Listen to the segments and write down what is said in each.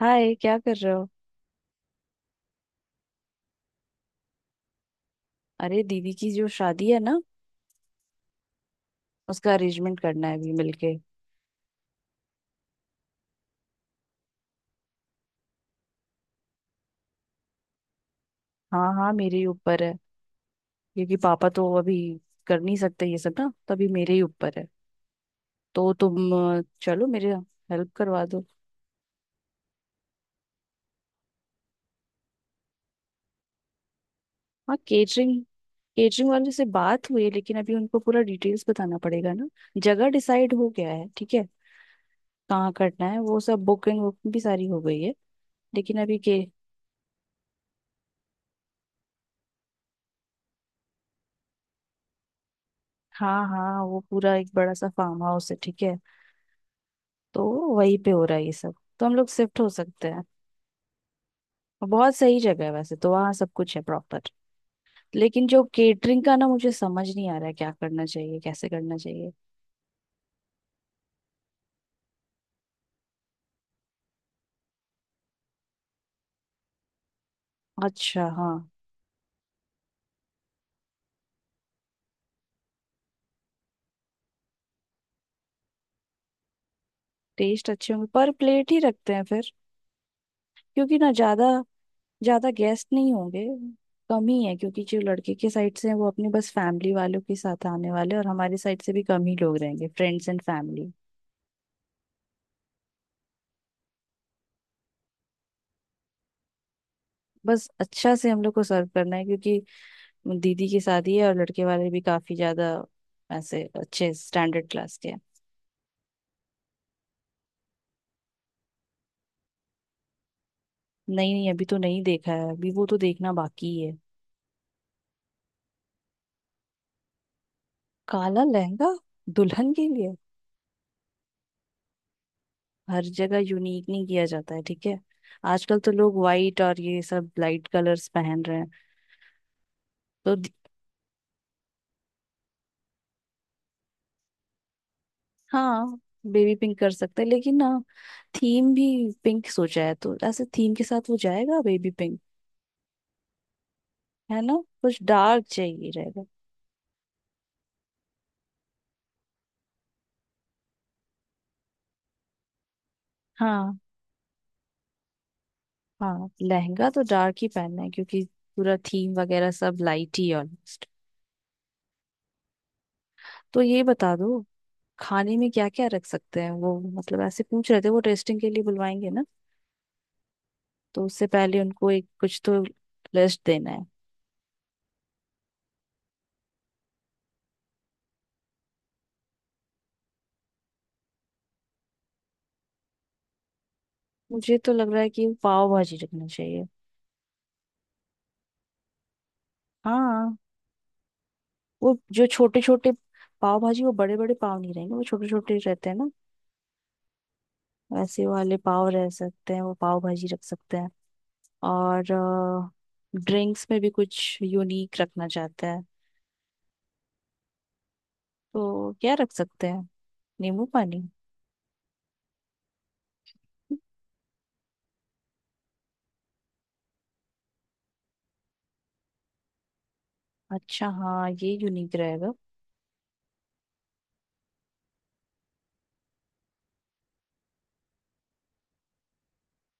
हाय, क्या कर रहे हो। अरे दीदी की जो शादी है ना, उसका अरेंजमेंट करना है अभी मिलके। हाँ हाँ, मेरे ही ऊपर है। क्योंकि पापा तो अभी कर नहीं सकते ये सब ना, तो अभी मेरे ही ऊपर है। तो तुम चलो मेरे हेल्प करवा दो। हाँ, केटरिंग। केटरिंग वाले से बात हुई है, लेकिन अभी उनको पूरा डिटेल्स बताना पड़ेगा ना। जगह डिसाइड हो गया है, ठीक है। कहाँ करना है वो सब, बुकिंग वुकिंग भी सारी हो गई है। लेकिन अभी के। हाँ हाँ, वो पूरा एक बड़ा सा फार्म हाउस है, ठीक है। तो वहीं पे हो रहा है ये सब। तो हम लोग शिफ्ट हो सकते हैं। और बहुत सही जगह है, वैसे तो वहाँ सब कुछ है प्रॉपर। लेकिन जो केटरिंग का ना, मुझे समझ नहीं आ रहा है क्या करना चाहिए, कैसे करना चाहिए। अच्छा हाँ। टेस्ट अच्छे होंगे, पर प्लेट ही रखते हैं फिर। क्योंकि ना ज्यादा ज्यादा गेस्ट नहीं होंगे। कम ही है, क्योंकि जो लड़के के साइड से हैं वो अपने बस फैमिली वालों के साथ आने वाले हैं, और हमारे साइड से भी कम ही लोग रहेंगे, फ्रेंड्स एंड फैमिली। बस अच्छा से हम लोग को सर्व करना है, क्योंकि दीदी की शादी है और लड़के वाले भी काफी ज्यादा ऐसे अच्छे स्टैंडर्ड क्लास के हैं। नहीं नहीं, अभी तो नहीं देखा है, अभी वो तो देखना बाकी है। काला लहंगा? दुल्हन के लिए? हर जगह यूनिक नहीं किया जाता है, ठीक है। आजकल तो लोग वाइट और ये सब लाइट कलर्स पहन रहे हैं। तो दी- हाँ, बेबी पिंक कर सकते हैं लेकिन ना, थीम भी पिंक सोचा है, तो ऐसे थीम के साथ वो जाएगा बेबी पिंक। है ना। कुछ डार्क चाहिए रहेगा। हाँ हाँ, लहंगा तो डार्क ही पहनना है, क्योंकि पूरा थीम वगैरह सब लाइट ही ऑलमोस्ट। तो ये बता दो, खाने में क्या क्या रख सकते हैं। वो मतलब ऐसे पूछ रहे थे वो, टेस्टिंग के लिए बुलवाएंगे ना, तो उससे पहले उनको एक कुछ तो लिस्ट देना है। मुझे तो लग रहा है कि पाव भाजी रखना चाहिए। हाँ, वो जो छोटे छोटे पाव भाजी। वो बड़े बड़े पाव नहीं रहेंगे, वो छोटे छोटे रहते हैं ना, वैसे वाले पाव रह सकते हैं, वो पाव भाजी रख सकते हैं। और ड्रिंक्स में भी कुछ यूनिक रखना चाहते हैं, तो क्या रख सकते हैं। नींबू पानी? अच्छा हाँ, ये यूनिक रहेगा।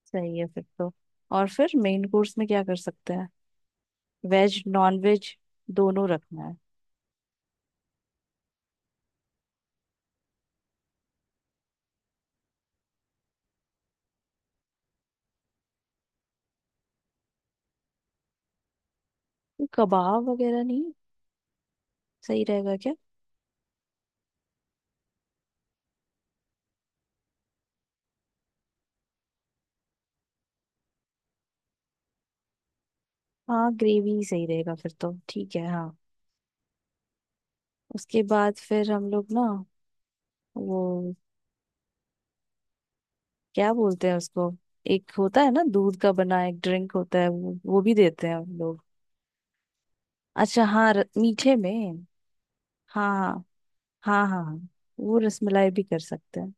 सही है फिर तो। और फिर मेन कोर्स में क्या कर सकते हैं? वेज नॉन वेज दोनों रखना है। तो कबाब वगैरह नहीं सही रहेगा क्या? हाँ, ग्रेवी ही सही रहेगा फिर तो, ठीक है हाँ। उसके बाद फिर हम लोग ना, वो क्या बोलते हैं उसको, एक होता है ना दूध का बना एक ड्रिंक होता है, वो भी देते हैं हम लोग। अच्छा हाँ, मीठे में। हाँ हाँ। हाँ हाँ, वो रसमलाई भी कर सकते हैं।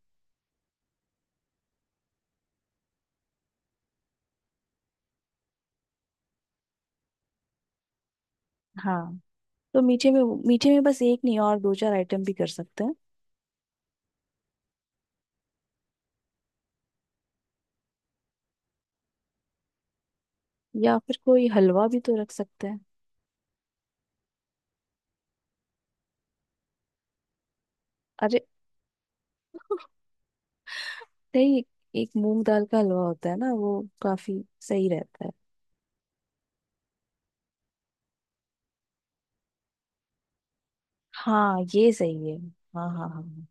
हाँ, तो मीठे में, मीठे में बस एक नहीं और दो चार आइटम भी कर सकते हैं। या फिर कोई हलवा भी तो रख सकते हैं। अरे नहीं, एक मूंग दाल का हलवा होता है ना, वो काफी सही रहता है। हाँ ये सही है। हाँ हाँ हाँ,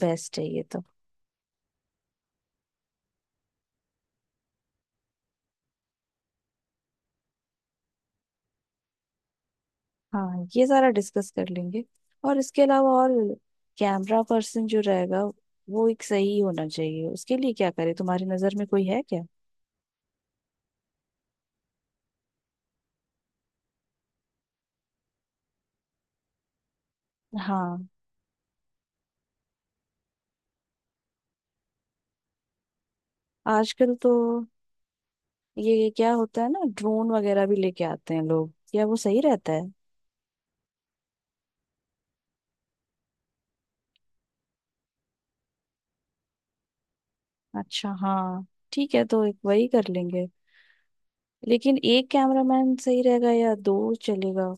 बेस्ट है ये तो। हाँ, ये सारा डिस्कस कर लेंगे। और इसके अलावा, और कैमरा पर्सन जो रहेगा वो एक सही होना चाहिए, उसके लिए क्या करें, तुम्हारी नजर में कोई है क्या? हाँ। आजकल तो ये क्या होता है ना, ड्रोन वगैरह भी लेके आते हैं लोग, क्या वो सही रहता है? अच्छा हाँ, ठीक है, तो एक वही कर लेंगे। लेकिन एक कैमरामैन सही रहेगा या दो चलेगा?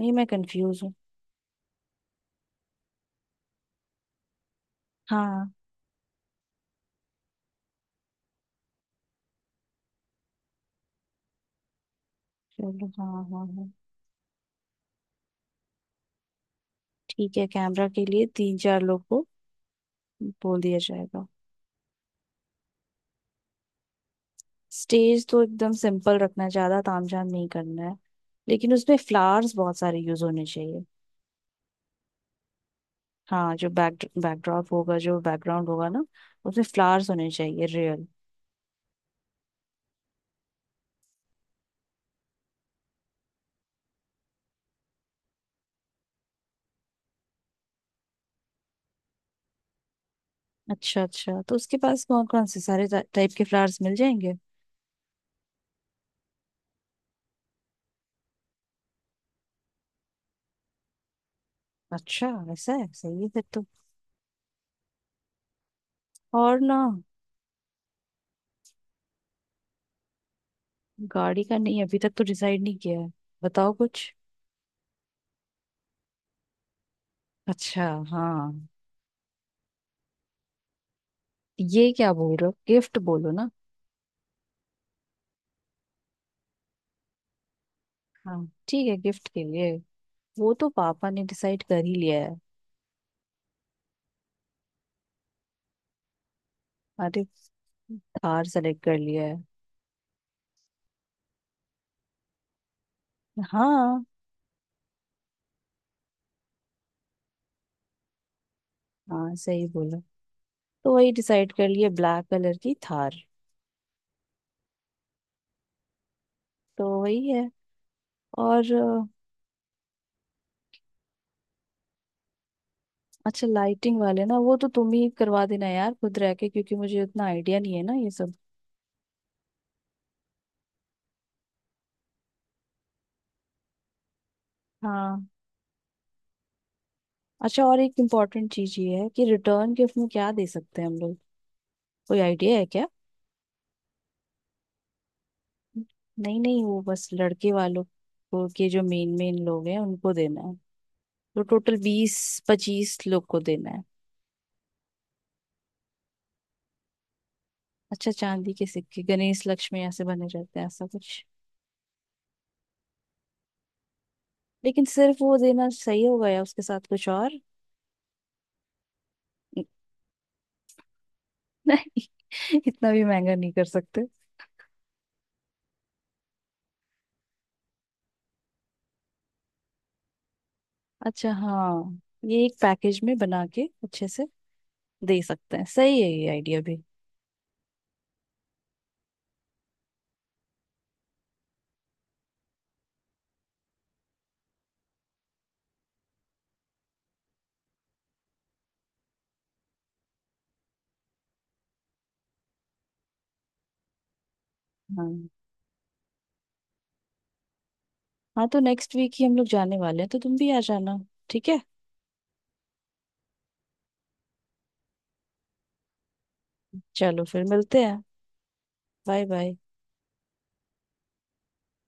नहीं, मैं कंफ्यूज हूँ। हाँ। चलो हाँ हाँ हाँ, ठीक है, कैमरा के लिए तीन चार लोग को बोल दिया जाएगा। स्टेज तो एकदम सिंपल रखना है, ज्यादा तामझाम नहीं करना है, लेकिन उसमें फ्लावर्स बहुत सारे यूज होने चाहिए। हाँ, जो बैकड्रॉप होगा, जो बैकग्राउंड होगा ना, उसमें फ्लावर्स होने चाहिए, रियल। अच्छा अच्छा, तो उसके पास कौन कौन से सारे टाइप के फ्लावर्स मिल जाएंगे? अच्छा, वैसा है, सही है फिर तो। और ना, गाड़ी का नहीं अभी तक तो डिसाइड नहीं किया है, बताओ कुछ। अच्छा हाँ। ये क्या बोल रहे हो, गिफ्ट बोलो ना। हाँ ठीक है, गिफ्ट के लिए वो तो पापा ने डिसाइड कर ही लिया है। अरे, कार सेलेक्ट कर लिया है। हाँ। हाँ सही बोला, तो वही डिसाइड कर लिए, ब्लैक कलर की थार। तो वही है। और। अच्छा, लाइटिंग वाले ना वो तो तुम ही करवा देना यार, खुद रह के, क्योंकि मुझे उतना आइडिया नहीं है ना ये सब। हाँ। अच्छा, और एक इम्पोर्टेंट चीज ये है कि रिटर्न गिफ्ट में क्या दे सकते हैं हम लोग, कोई आइडिया है क्या? नहीं नहीं, वो बस लड़के वालों को के जो मेन मेन लोग हैं उनको देना है। तो टोटल 20-25 लोग को देना है। अच्छा, चांदी के सिक्के गणेश लक्ष्मी ऐसे बने रहते हैं, ऐसा कुछ? लेकिन सिर्फ वो देना सही होगा या उसके साथ कुछ और? नहीं, इतना भी महंगा नहीं कर सकते। अच्छा हाँ, ये एक पैकेज में बना के अच्छे से दे सकते हैं। सही है ये आइडिया भी। हाँ। हाँ, तो नेक्स्ट वीक ही हम लोग जाने वाले हैं, तो तुम भी आ जाना, ठीक है। चलो फिर मिलते हैं। Bye bye.